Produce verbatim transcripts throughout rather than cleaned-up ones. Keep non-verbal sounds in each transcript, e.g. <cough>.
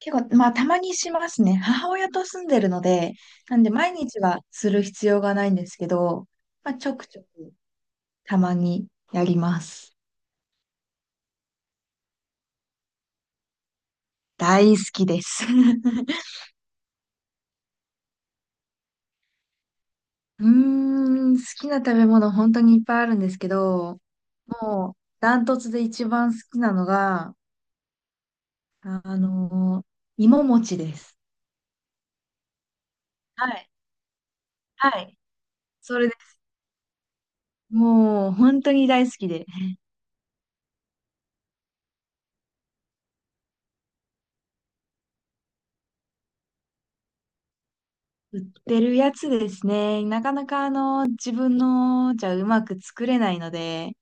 結構、まあ、たまにしますね。母親と住んでるので、なんで、毎日はする必要がないんですけど、まあ、ちょくちょく、たまにやります。大好きです。<laughs> うーん、好きな食べ物、本当にいっぱいあるんですけど、もう、ダントツで一番好きなのが、あのー芋餅です。はい。はい。それです。もう、本当に大好きで。売ってるやつですね。なかなかあの、自分のじゃうまく作れないので、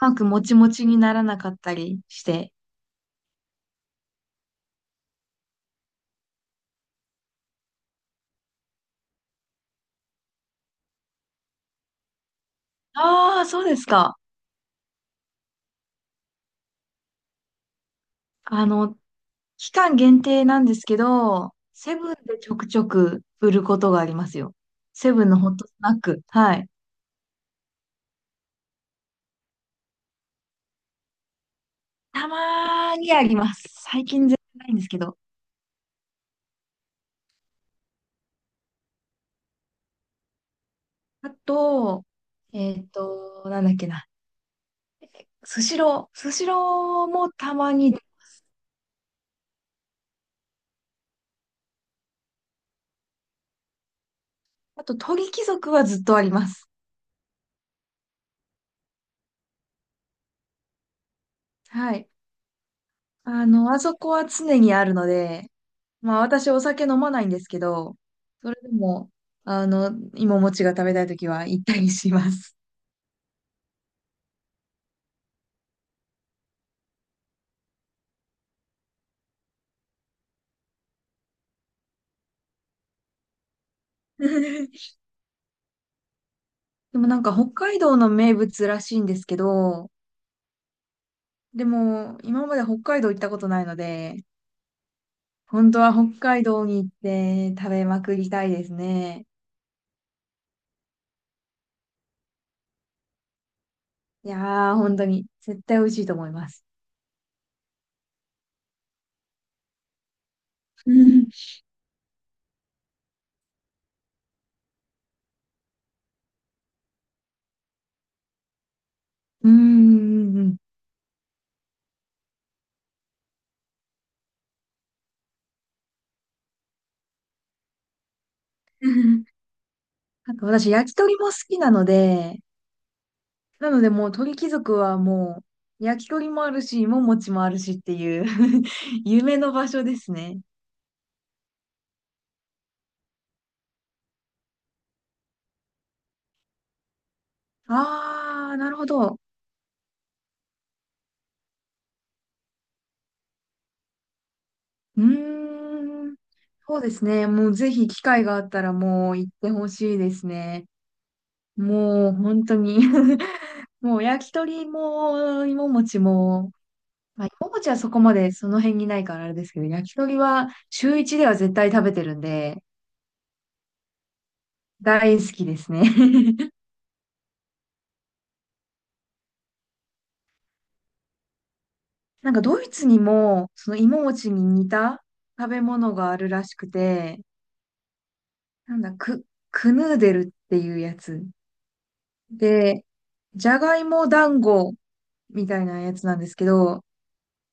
うまくもちもちにならなかったりして。ああ、そうですか。あの、期間限定なんですけど、セブンでちょくちょく売ることがありますよ。セブンのホットスナック。はい。たまーにあります。最近全然ないんですけど。あと、えっと、なんだっけな。スシロー。スシローもたまに。あと、鳥貴族はずっとあります。はい。あの、あそこは常にあるので、まあ私お酒飲まないんですけど、それでも、あの、芋餅が食べたいときは行ったりします。<laughs> でもなんか北海道の名物らしいんですけど、でも今まで北海道行ったことないので、本当は北海道に行って食べまくりたいですね。いやー、本当に絶対美味しいと思います。<laughs> うん。うんうんうんうん。<laughs> あと私焼き鳥も好きなので、なのでもう鳥貴族はもう焼き鳥もあるし、芋餅もあるしっていう <laughs> 夢の場所ですね。あー、なるほど。うーん。そうですね。もうぜひ機会があったらもう行ってほしいですね。もう本当に <laughs> もう焼き鳥も芋餅も、まあ、芋餅はそこまでその辺にないからあれですけど、焼き鳥はしゅういちでは絶対食べてるんで、大好きですね。 <laughs> なんかドイツにも、その芋餅に似た食べ物があるらしくて、なんだ、ク、クヌーデルっていうやつ。で、じゃがいも団子みたいなやつなんですけど、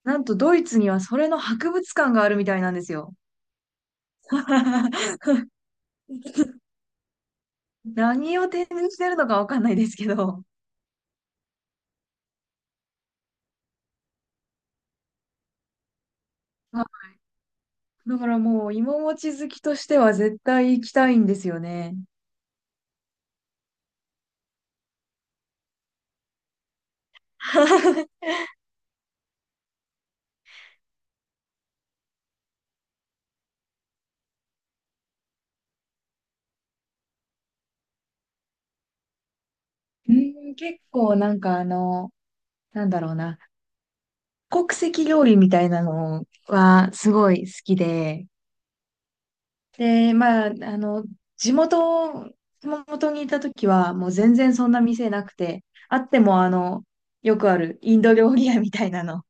なんとドイツにはそれの博物館があるみたいなんですよ。<laughs> 何を展示してるのかわかんないですけど。あ、だからもう芋餅好きとしては絶対行きたいんですよね。<laughs> うん、結構なんかあの、なんだろうな。国籍料理みたいなのはすごい好きで、で、まあ、あの、地元、熊本にいた時はもう全然そんな店なくて、あってもあの、よくあるインド料理屋みたいなの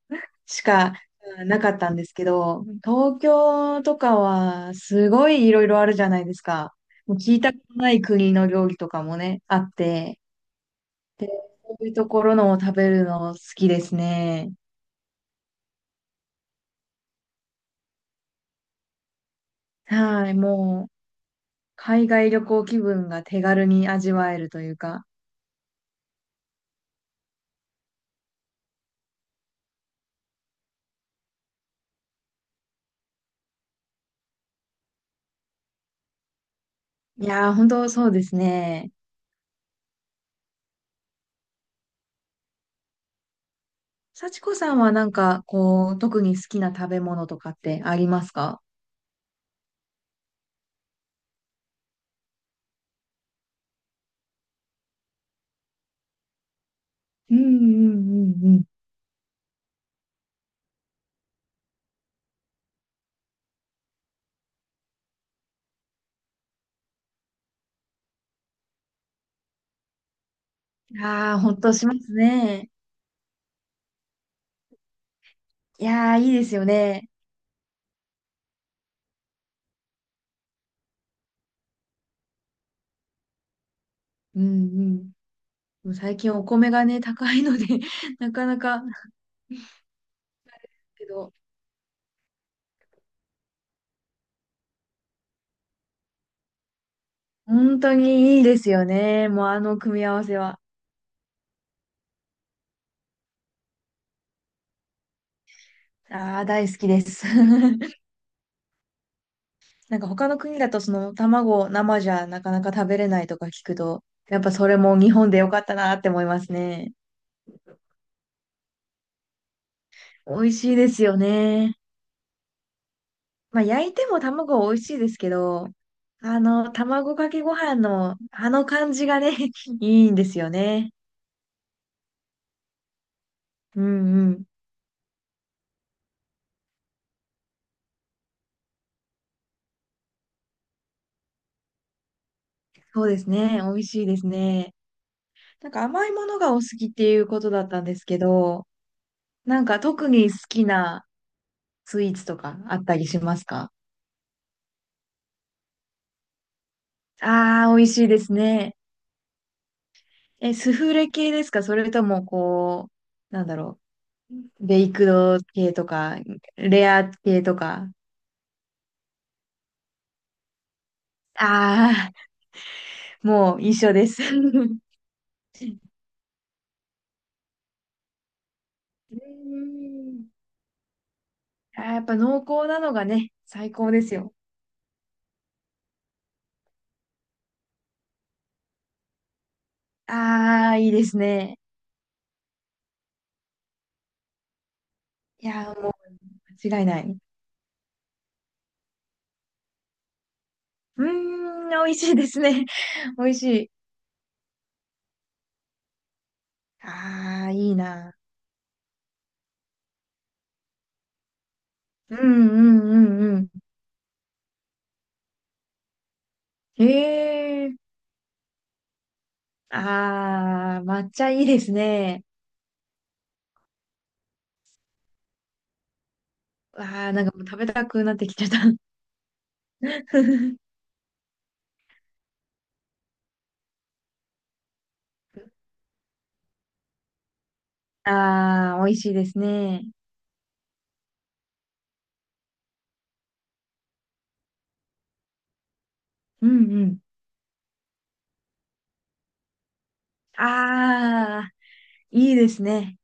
しかうんなかったんですけど、東京とかはすごいいろいろあるじゃないですか。もう聞いたことない国の料理とかもね、あって、こういうところのを食べるの好きですね。はい、もう。海外旅行気分が手軽に味わえるというか。いやー、本当そうですね。幸子さんはなんか、こう、特に好きな食べ物とかってありますか？うんうんうんうん。いやほんとしますね。いやー、いいですよね。うんうん。もう最近お米がね、高いので <laughs> なかなか、けど、本当にいいですよね。もうあの組み合わせは。ああ、大好きです。<laughs> なんか他の国だとその卵生じゃなかなか食べれないとか聞くと、やっぱそれも日本でよかったなって思いますね。美味しいですよね。まあ焼いても卵は美味しいですけど、あの、卵かけご飯のあの感じがね、<laughs> いいんですよね。うんうん。そうですね。美味しいですね。なんか甘いものがお好きっていうことだったんですけど、なんか特に好きなスイーツとかあったりしますか？ああー、美味しいですね。え、スフレ系ですか？それとも、こう、なんだろう。ベイクド系とか、レア系とか。ああ、<laughs> もう一緒です。<laughs> うん、あーやっぱ濃厚なのがね、最高ですよ。ああ、いいですね。いやー、もう間違いない。うーん、美味しいですね。<laughs> 美味しい。ああ、いいな。うんうんうんうん。へえ。ああ、抹茶いいですね。わあ、なんかもう食べたくなってきちゃった。<laughs> ああ、美味しいですね。うんうん。ああ、いいですね。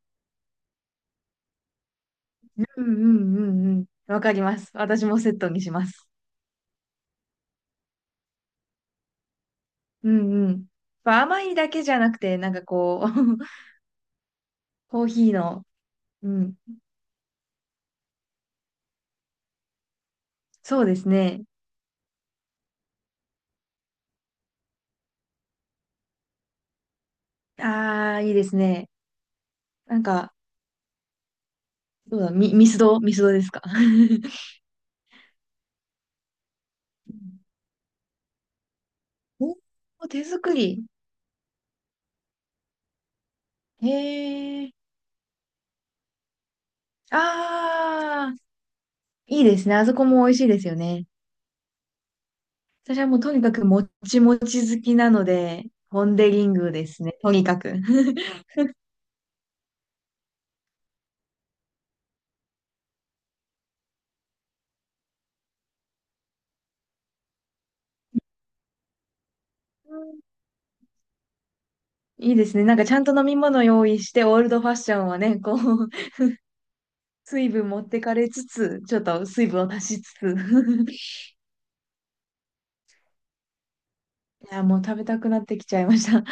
うんうんうんうん。わかります。私もセットにします。うんうん。まあ甘いだけじゃなくて、なんかこう、<laughs> コーヒーの、うん。そうですね。ああ、いいですね。なんか、どうだ、み、ミスド、ミスドですか？<laughs> おお、手作り。へえ。ああ、いいですね。あそこも美味しいですよね。私はもうとにかくもちもち好きなので、ポンデリングですね。とにかく。<laughs> うん、いいですね。なんかちゃんと飲み物用意して、オールドファッションはね、こう、水分持ってかれつつ、ちょっと水分を足しつつ。<laughs> いや、もう食べたくなってきちゃいました。